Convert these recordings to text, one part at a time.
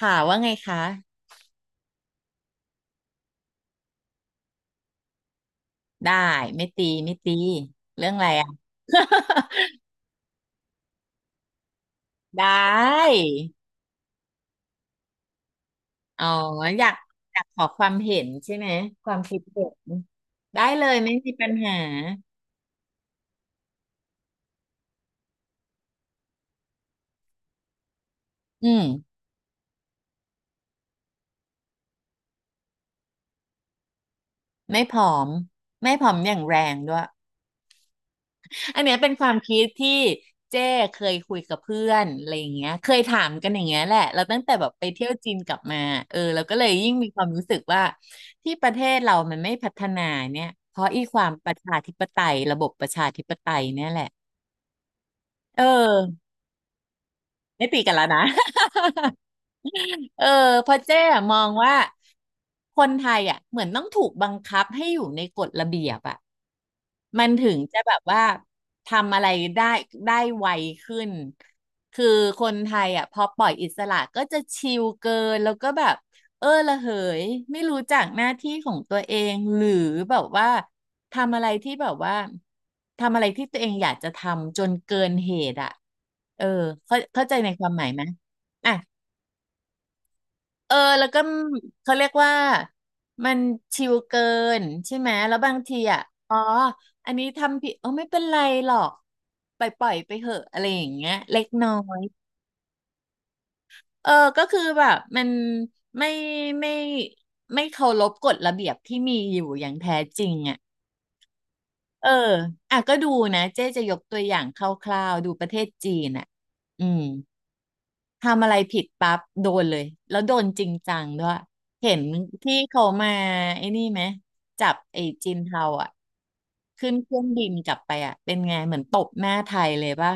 ค่ะว่าไงคะได้ไม่ตีไม่ตีเรื่องอะไรอ่ะ ได้อ๋ออยากอยากขอความเห็นใช่ไหมความคิดเห็นได้เลยไม่มีปัญหาอืมไม่ผอมไม่ผอมอย่างแรงด้วย อันเนี้ยเป็นความคิดที่เจ้เคยคุยกับเพื่อนอะไรอย่างเงี้ยเคยถามกันอย่างเงี้ยแหละเราตั้งแต่แบบไปเที่ยวจีนกลับมาเออเราก็เลยยิ่งมีความรู้สึกว่าที่ประเทศเรามันไม่พัฒนาเนี่ยเพราะอีความประชาธิปไตยระบบประชาธิปไตยเนี่ยแหละเออไม่ตีกันแล้วนะ เออเพราะเจ๊อะมองว่าคนไทยอ่ะเหมือนต้องถูกบังคับให้อยู่ในกฎระเบียบอ่ะมันถึงจะแบบว่าทำอะไรได้ได้ไวขึ้นคือคนไทยอ่ะพอปล่อยอิสระก็จะชิลเกินแล้วก็แบบเออละเหยไม่รู้จักหน้าที่ของตัวเองหรือแบบว่าทำอะไรที่แบบว่าทำอะไรที่ตัวเองอยากจะทำจนเกินเหตุอ่ะเออเข้าใจในความหมายไหมอ่ะ เออแล้วก็เขาเรียกว่ามันชิวเกินใช่ไหมแล้วบางทีอ่ะอ๋ออันนี้ทำผิดเออไม่เป็นไรหรอกปล่อยไปเหอะอะไรอย่างเงี้ยเล็กน้อยเออก็คือแบบมันไม่ไม่ไม่เคารพกฎระเบียบที่มีอยู่อย่างแท้จริงอ่ะเอออ่ะก็ดูนะเจ๊จะยกตัวอย่างคร่าวๆดูประเทศจีนอ่ะอืม ทำอะไรผิดปั๊บโดนเลยแล้วโดนจริงจังด้วยเห็นที่เขามาไอ้นี่ไหมจับไอ้จีนเทาอ่ะขึ้นเครื่องบินกลับไปอ่ะเป็นไงเหมือนตบหน้าไทยเลยป่ะ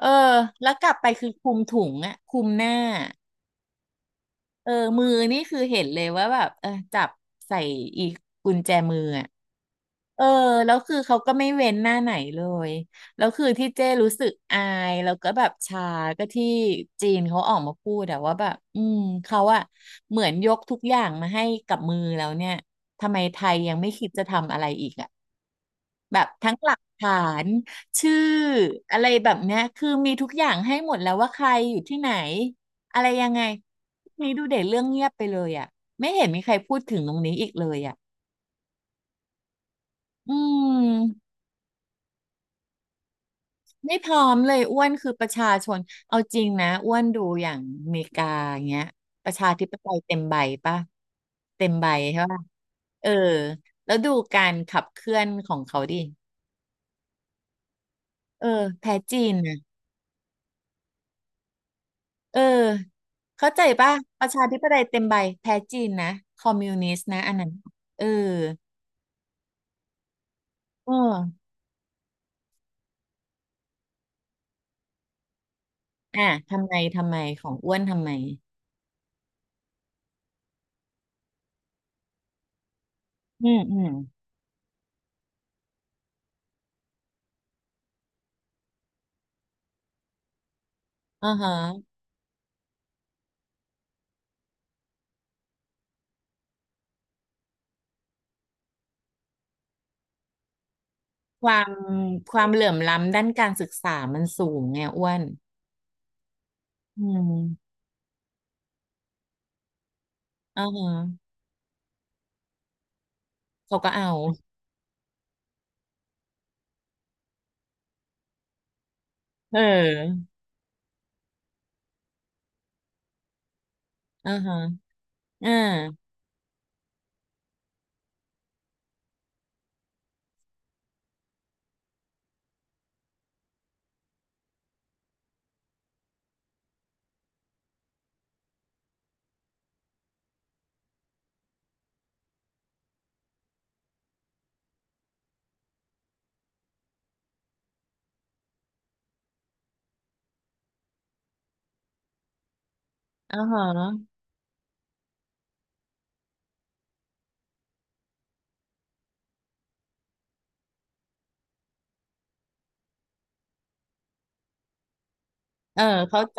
เออแล้วกลับไปคือคลุมถุงอ่ะคลุมหน้าเออมือนี่คือเห็นเลยว่าแบบเออจับใส่อีกกุญแจมืออ่ะ เออแล้วคือเขาก็ไม่เว้นหน้าไหนเลยแล้วคือที่เจ้รู้สึกอายแล้วก็แบบชาก็ที่จีนเขาออกมาพูดแต่ว่าแบบอืมเขาอะเหมือนยกทุกอย่างมาให้กับมือแล้วเนี่ยทำไมไทยยังไม่คิดจะทำอะไรอีกอะแบบทั้งหลักฐานชื่ออะไรแบบเนี้ยคือมีทุกอย่างให้หมดแล้วว่าใครอยู่ที่ไหนอะไรยังไงนี่ดูเด็ดเรื่องเงียบไปเลยอะไม่เห็นมีใครพูดถึงตรงนี้อีกเลยอะอืม ไม่พร้อมเลยอ้วนคือประชาชนเอาจริงนะอ้วนดูอย่างอเมริกาอย่างเงี้ยประชาธิปไตยเต็มใบป่ะเต็มใบใช่ปะเออแล้วดูการขับเคลื่อนของเขาดิเออแพ้จีนนะเออเข้าใจปะประชาธิปไตยเต็มใบแพ้จีนนะคอมมิวนิสต์นะอันนั้นเออเอออ่ะทำไมของอ้วนทำไมอืมอ่าฮะความความเหลื่อมล้ำด้านการศึกษามันสูงไงอ้วน อืมอ่าฮะเขาก็เอาเอออ่าฮะอ่าอ่าฮะเออเข้าใจ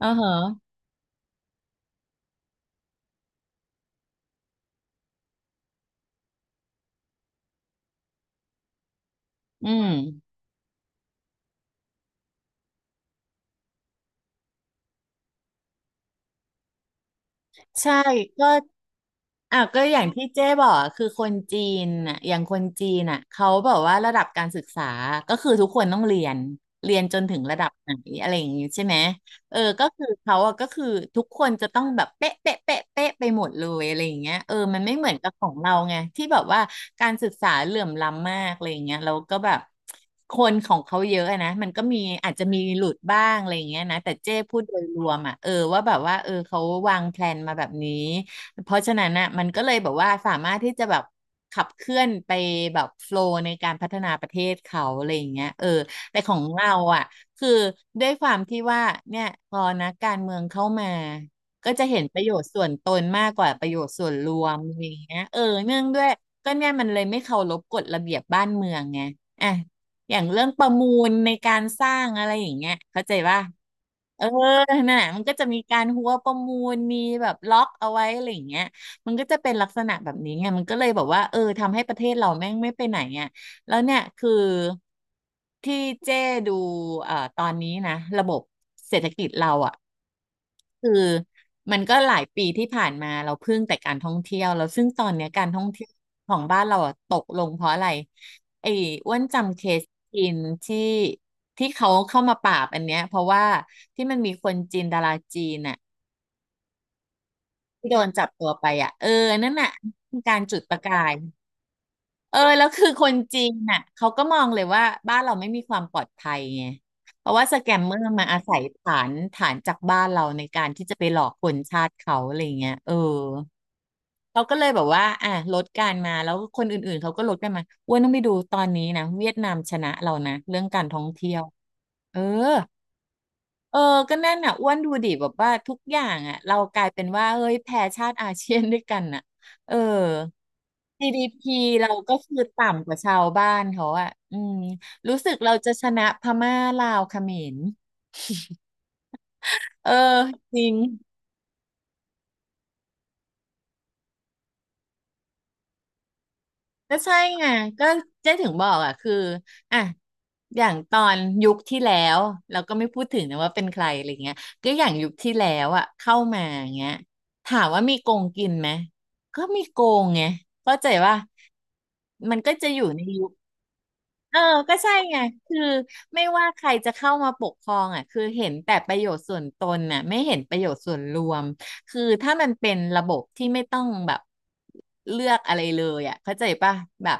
อ่าฮะอืมใช่ก็อ่ะก็อย่างที่เจ๊บอกอะคือคนจีนน่ะอย่างคนจีนน่ะเขาแบบว่าระดับการศึกษา ก็คือทุกคนต้องเรียน เรียนจนถึงระดับไหนอะไรอย่างงี้ใช่ไหม เออก็คือเขาอะก็คือทุกคนจะต้องแบบเป๊ะเป๊ะเป๊ะเป๊ะไปหมดเลยอะไรอย่างเงี้ยเออมันไม่เหมือนกับของเราไงที่แบบว่าการศึกษาเหลื่อมล้ำมากอะไรอย่างเงี้ยแล้วก็แบบคนของเขาเยอะอะนะมันก็มีอาจจะมีหลุดบ้างอะไรอย่างเงี้ยนะแต่เจ้พูดโดยรวมอะเออว่าแบบว่าเออเขาวางแพลนมาแบบนี้เพราะฉะนั้นน่ะมันก็เลยแบบว่าสามารถที่จะแบบขับเคลื่อนไปแบบโฟล์ในการพัฒนาประเทศเขาอะไรอย่างเงี้ยเออแต่ของเราอ่ะ คือด้วยความที่ว่าเนี่ยพอนักการเมืองเข้ามาก็จะเห็นประโยชน์ส่วนตนมากกว่าประโยชน์ส่วนรวมอะไรอย่างเงี้ยเออเนื่องด้วยก็เนี่ยมันเลยไม่เคารพกฎระเบียบบ้านเมืองไงอ่ะอย่างเรื่องประมูลในการสร้างอะไรอย่างเงี้ยเข้าใจว่าเออน่ะมันก็จะมีการหัวประมูลมีแบบล็อกเอาไว้อะไรอย่างเงี้ยมันก็จะเป็นลักษณะแบบนี้ไงมันก็เลยแบบว่าเออทำให้ประเทศเราแม่งไม่ไปไหนอ่ะ แล้วเนี่ยคือที่เจ้ดูตอนนี้นะระบบเศรษฐกิจเราอ่ะคือมันก็หลายปีที่ผ่านมาเราพึ่งแต่การท่องเที่ยวแล้วซึ่งตอนเนี้ยการท่องเที่ยวของบ้านเราอะตกลงเพราะอะไรไอ้อ้วนจำเคสจีนที่ที่เขาเข้ามาปราบอันเนี้ยเพราะว่าที่มันมีคนจีนดาราจีนน่ะที่โดนจับตัวไปอ่ะเออนั่นน่ะคือการจุดประกาย เออแล้วคือคนจีนน่ะเขาก็มองเลยว่าบ้านเราไม่มีความปลอดภัยไงเพราะว่าสแกมเมอร์มาอาศัยฐานจากบ้านเราในการที่จะไปหลอกคนชาติเขาอะไรเงี้ยเออเขาก็เลยแบบว่าอ่ะลดการมาแล้วคนอื่นๆเขาก็ลดกันมาอ้วนต้องไปดูตอนนี้นะเวียดนามชนะเรานะเรื่องการท่องเที่ยวเออ เออก็นั่นอ่ะอ้วนดูดิแบบว่าทุกอย่างอ่ะเรากลายเป็นว่าเฮ้ยแพ้ชาติอาเซียนด้วยกันอ่ะเออ GDP เราก็คือต่ำกว่าชาวบ้านเขาอ่ะอืมรู้สึกเราจะชนะพม่าลาวเขมรเออจริง ก็ใช่ไงก็เจ๊ถึงบอกอ่ะคืออ่ะอย่างตอนยุคที่แล้วเราก็ไม่พูดถึงนะว่าเป็นใครอะไรเงี้ยก็อย่างยุคที่แล้วอ่ะเข้ามาอย่างเงี้ยถามว่ามีโกงกินไหมก็มีโกงไงเข้าใจว่ามันก็จะอยู่ในยุค เออก็ใช่ไงคือไม่ว่าใครจะเข้ามาปกครองอ่ะ คือเห็นแต่ประโยชน์ส่วนตนน่ะ ไม่เห็นประโยชน์ส่วนรวมคือถ้ามันเป็นระบบที่ไม่ต้องแบบเลือกอะไรเลยอ่ะ เข้าใจป่ะแบบ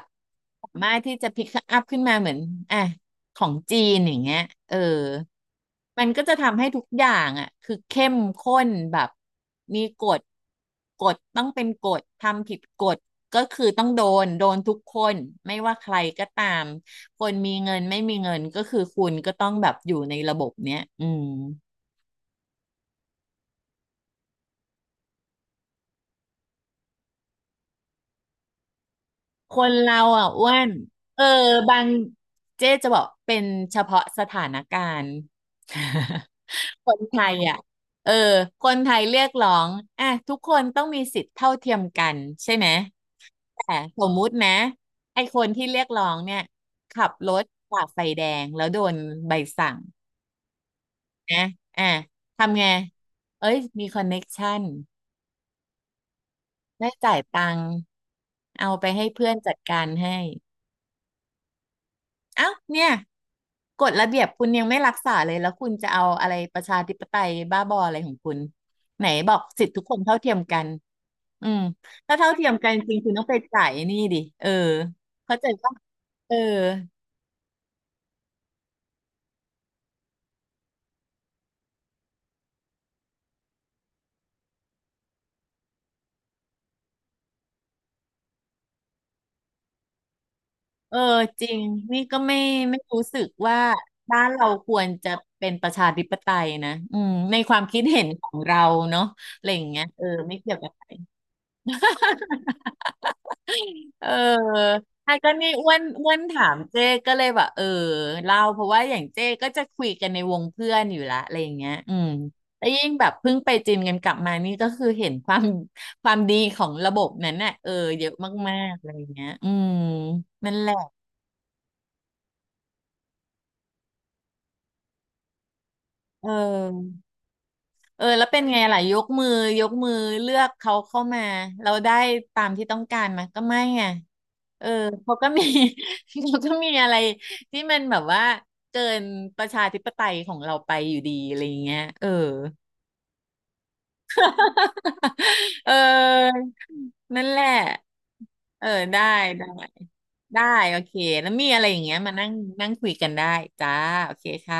สามารถที่จะพิกอัพขึ้นมาเหมือนอ่ะของจีนอย่างเงี้ยเออมันก็จะทำให้ทุกอย่างอ่ะคือเข้มข้นแบบมีกฎกฎต้องเป็นกฎทำผิดกฎก็คือต้องโดน โดนทุกคนไม่ว่าใครก็ตาม คนมีเงินไม่มีเงินก็คือคุณก็ต้องแบบอยู่ในระบบเนี้ยอืมคนเราอ่ะอ้วนเออบางเจ๊จะบอกเป็นเฉพาะสถานการณ์ คนไทยอ่ะเออคนไทยเรียกร้องอ่ะทุกคนต้องมีสิทธิ์เท่าเทียมกันใช่ไหมแต่สมมุตินะไอ้คนที่เรียกร้องเนี่ยขับรถฝ่าไฟแดงแล้วโดนใบสั่งนะอ่ะทำไงเอ้ยมีคอนเน็กชัน ไม่จ่ายตังค์เอาไปให้เพื่อนจัดการให้เอ้าเนี่ยกฎระเบียบคุณยังไม่รักษาเลยแล้วคุณจะเอาอะไรประชาธิปไตยบ้าบออะไรของคุณไหนบอกสิทธิทุกคนเท่าเทียมกันอืมถ้าเท่าเทียมกันจริงคุณต้องไปจ่ายไอ้นี่ดิเออเข้าใจป่ะเออเออจริงนี่ก็ไม่ไม่รู้สึกว่าบ้านเราควรจะเป็นประชาธิปไตยนะอืมในความคิดเห็นของเราเนาะอะไรอย่างเงี้ยเออไม่เกี่ยวกับใคร เอออ่ะก็นี่อ้วนถามเจ้ก็เลยแบบเออเล่าเพราะว่าอย่างเจ้ก็จะคุยกันในวงเพื่อนอยู่ละอะไรอย่างเงี้ยอืมแล้วยิ่งแบบเพิ่งไปจีนกันกลับมานี่ก็คือเห็นความดีของระบบนั้นน่ะเออเยอะมากๆอะไรอย่างเงี้ยอืมนั่นแหละเออ เออแล้วเป็นไงล่ะยกมือยกมือเลือกเขาเข้ามาเราได้ตามที่ต้องการไหมาก็ไม่ไงเออเขาก็มี เขาก็มีอะไรที่มันแบบว่าเกินประชาธิปไตยของเราไปอยู่ดีอะไรอย่างเงี้ยเออ เออนั่นแหละเออได้ได้โอเคแล้วมีอะไรอย่างเงี้ยมานั่งนั่งคุยกันได้จ้าโอเคค่ะ